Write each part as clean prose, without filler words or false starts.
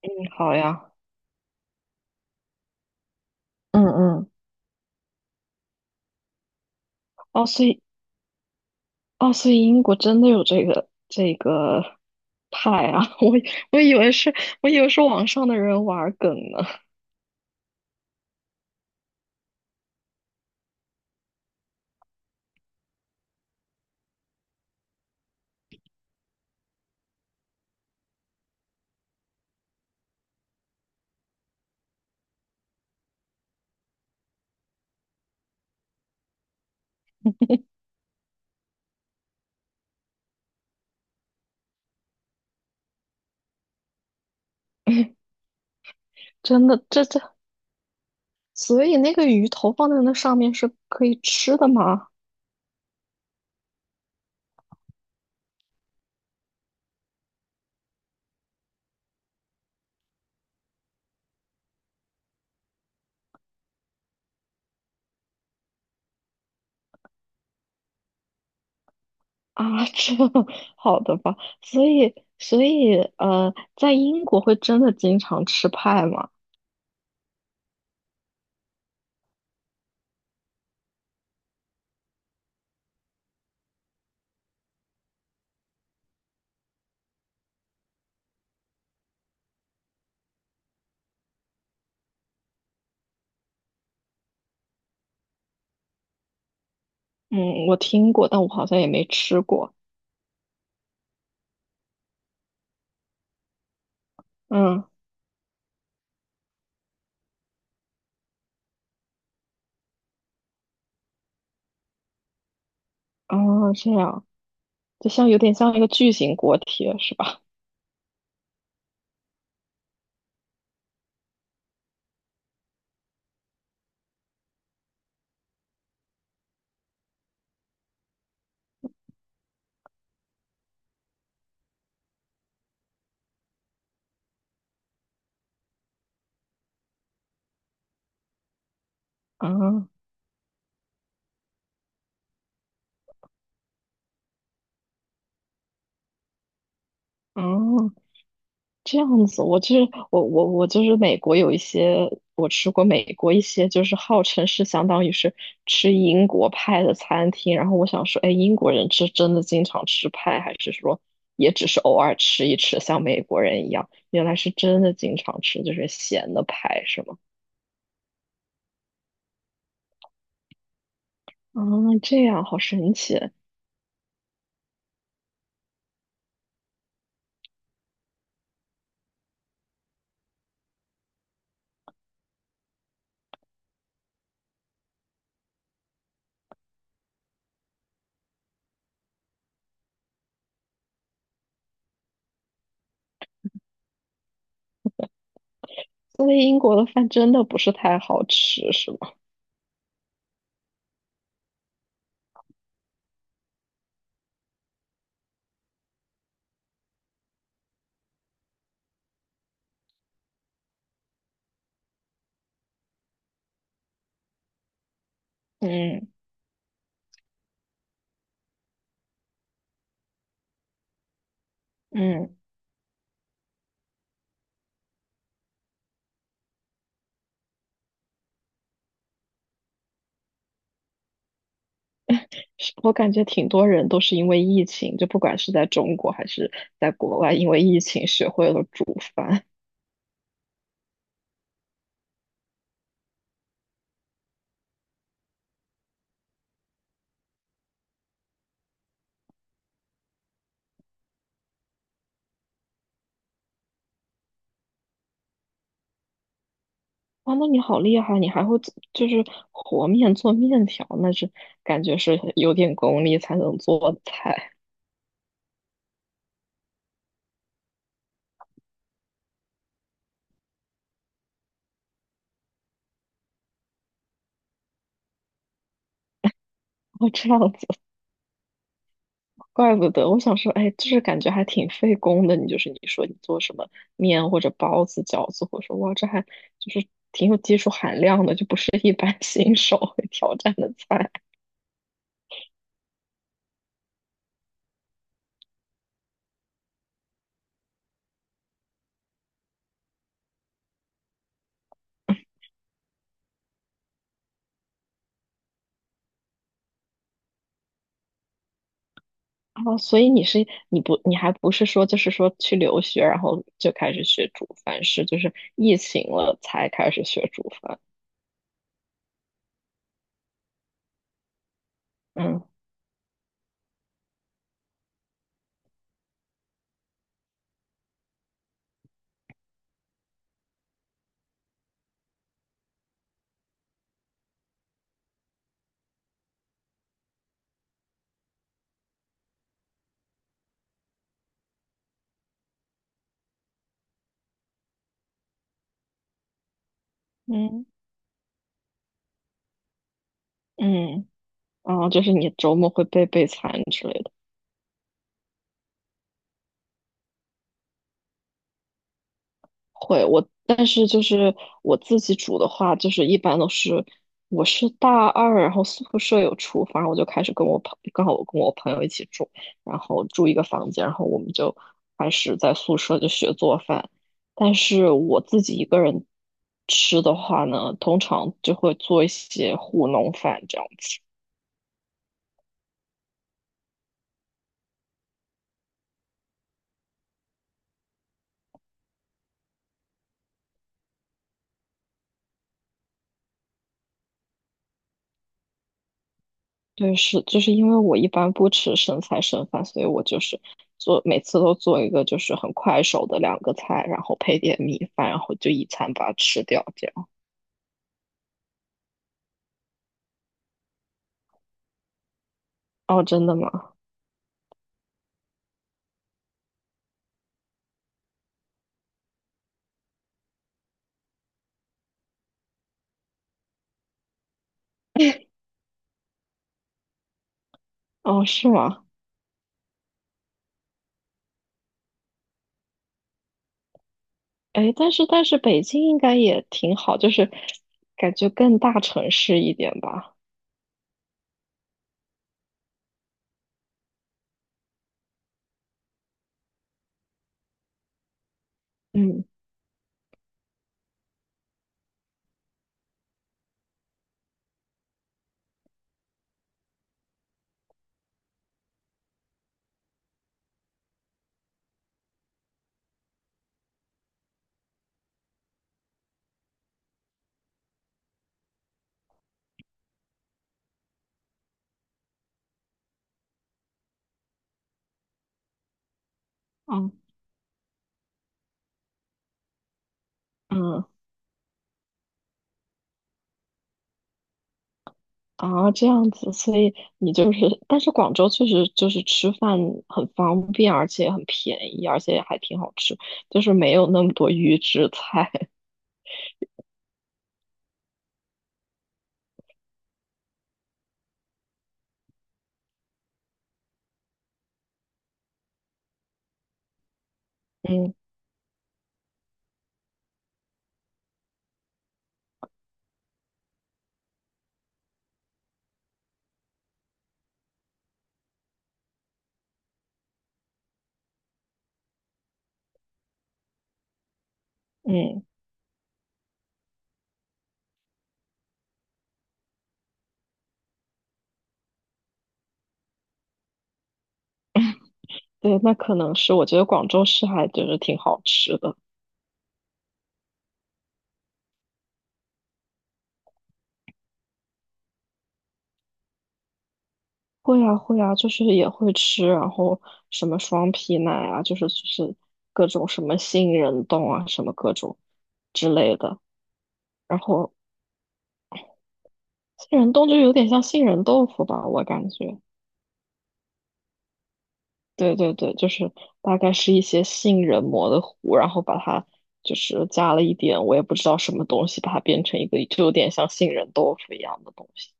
嗯好呀。嗯嗯，哦，所以哦，所以英国真的有这个派啊！我以为是，我以为是网上的人玩梗呢。真的，所以那个鱼头放在那上面是可以吃的吗？啊，这 好的吧。所以,在英国会真的经常吃派吗？嗯，我听过，但我好像也没吃过。嗯，哦，这样，就像有点像一个巨型锅贴是吧？啊嗯，这样子，我就是美国有一些，我吃过美国一些就是号称是相当于是吃英国派的餐厅，然后我想说，哎，英国人是真的经常吃派，还是说也只是偶尔吃一吃，像美国人一样？原来是真的经常吃，就是咸的派，是吗？啊，这样好神奇，所以英国的饭真的不是太好吃，是吗？嗯嗯。是我感觉挺多人都是因为疫情，就不管是在中国还是在国外，因为疫情学会了煮饭。哇，那你好厉害，你还会做就是和面做面条，那是感觉是有点功力才能做的菜。哦，这样子，怪不得我想说，哎，就是感觉还挺费工的。你就是你说你做什么面或者包子、饺子，我说哇，这还就是挺有技术含量的，就不是一般 新手会挑战的菜。哦，所以你还不是说就是说去留学，然后就开始学煮饭，是就是疫情了才开始学煮饭。嗯嗯。嗯，哦，就是你周末会备餐之类的。会，我但是就是我自己煮的话，就是一般都是我是大二，然后宿舍有厨房，我就开始跟我朋，刚好我跟我朋友一起住，然后住一个房间，然后我们就开始在宿舍就学做饭。但是我自己一个人吃的话呢，通常就会做一些糊弄饭这样。对，是，就是因为我一般不吃剩菜剩饭，所以我就是做每次都做一个就是很快手的两个菜，然后配点米饭，然后就一餐把它吃掉，这样。哦，真的吗？哦，是吗？哎，但是北京应该也挺好，就是感觉更大城市一点吧。嗯，哦，嗯，啊，这样子，所以你就是，但是广州确实就是吃饭很方便，而且很便宜，而且还挺好吃，就是没有那么多预制菜。嗯嗯，对，那可能是，我觉得广州市还就是挺好吃的。会啊会啊，就是也会吃，然后什么双皮奶啊，就是各种什么杏仁冻啊，什么各种之类的。然后杏仁冻就有点像杏仁豆腐吧，我感觉。对对对，就是大概是一些杏仁磨的糊，然后把它就是加了一点，我也不知道什么东西，把它变成一个就有点像杏仁豆腐一样的东西。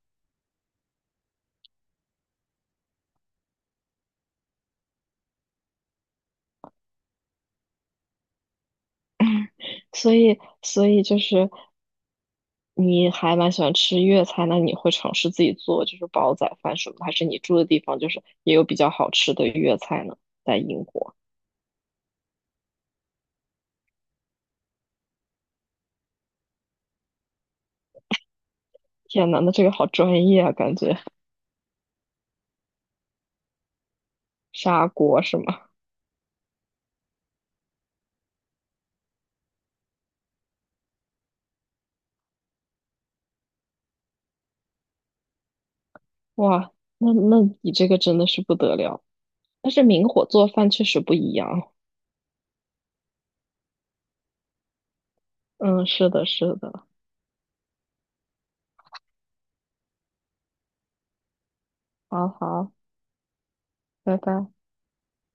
所以就是。你还蛮喜欢吃粤菜，那你会尝试自己做就是煲仔饭什么的，还是你住的地方就是也有比较好吃的粤菜呢？在英国，天呐，那这个好专业啊，感觉砂锅是吗？哇，那你这个真的是不得了，但是明火做饭确实不一样。嗯，是的，是的，好好，拜拜。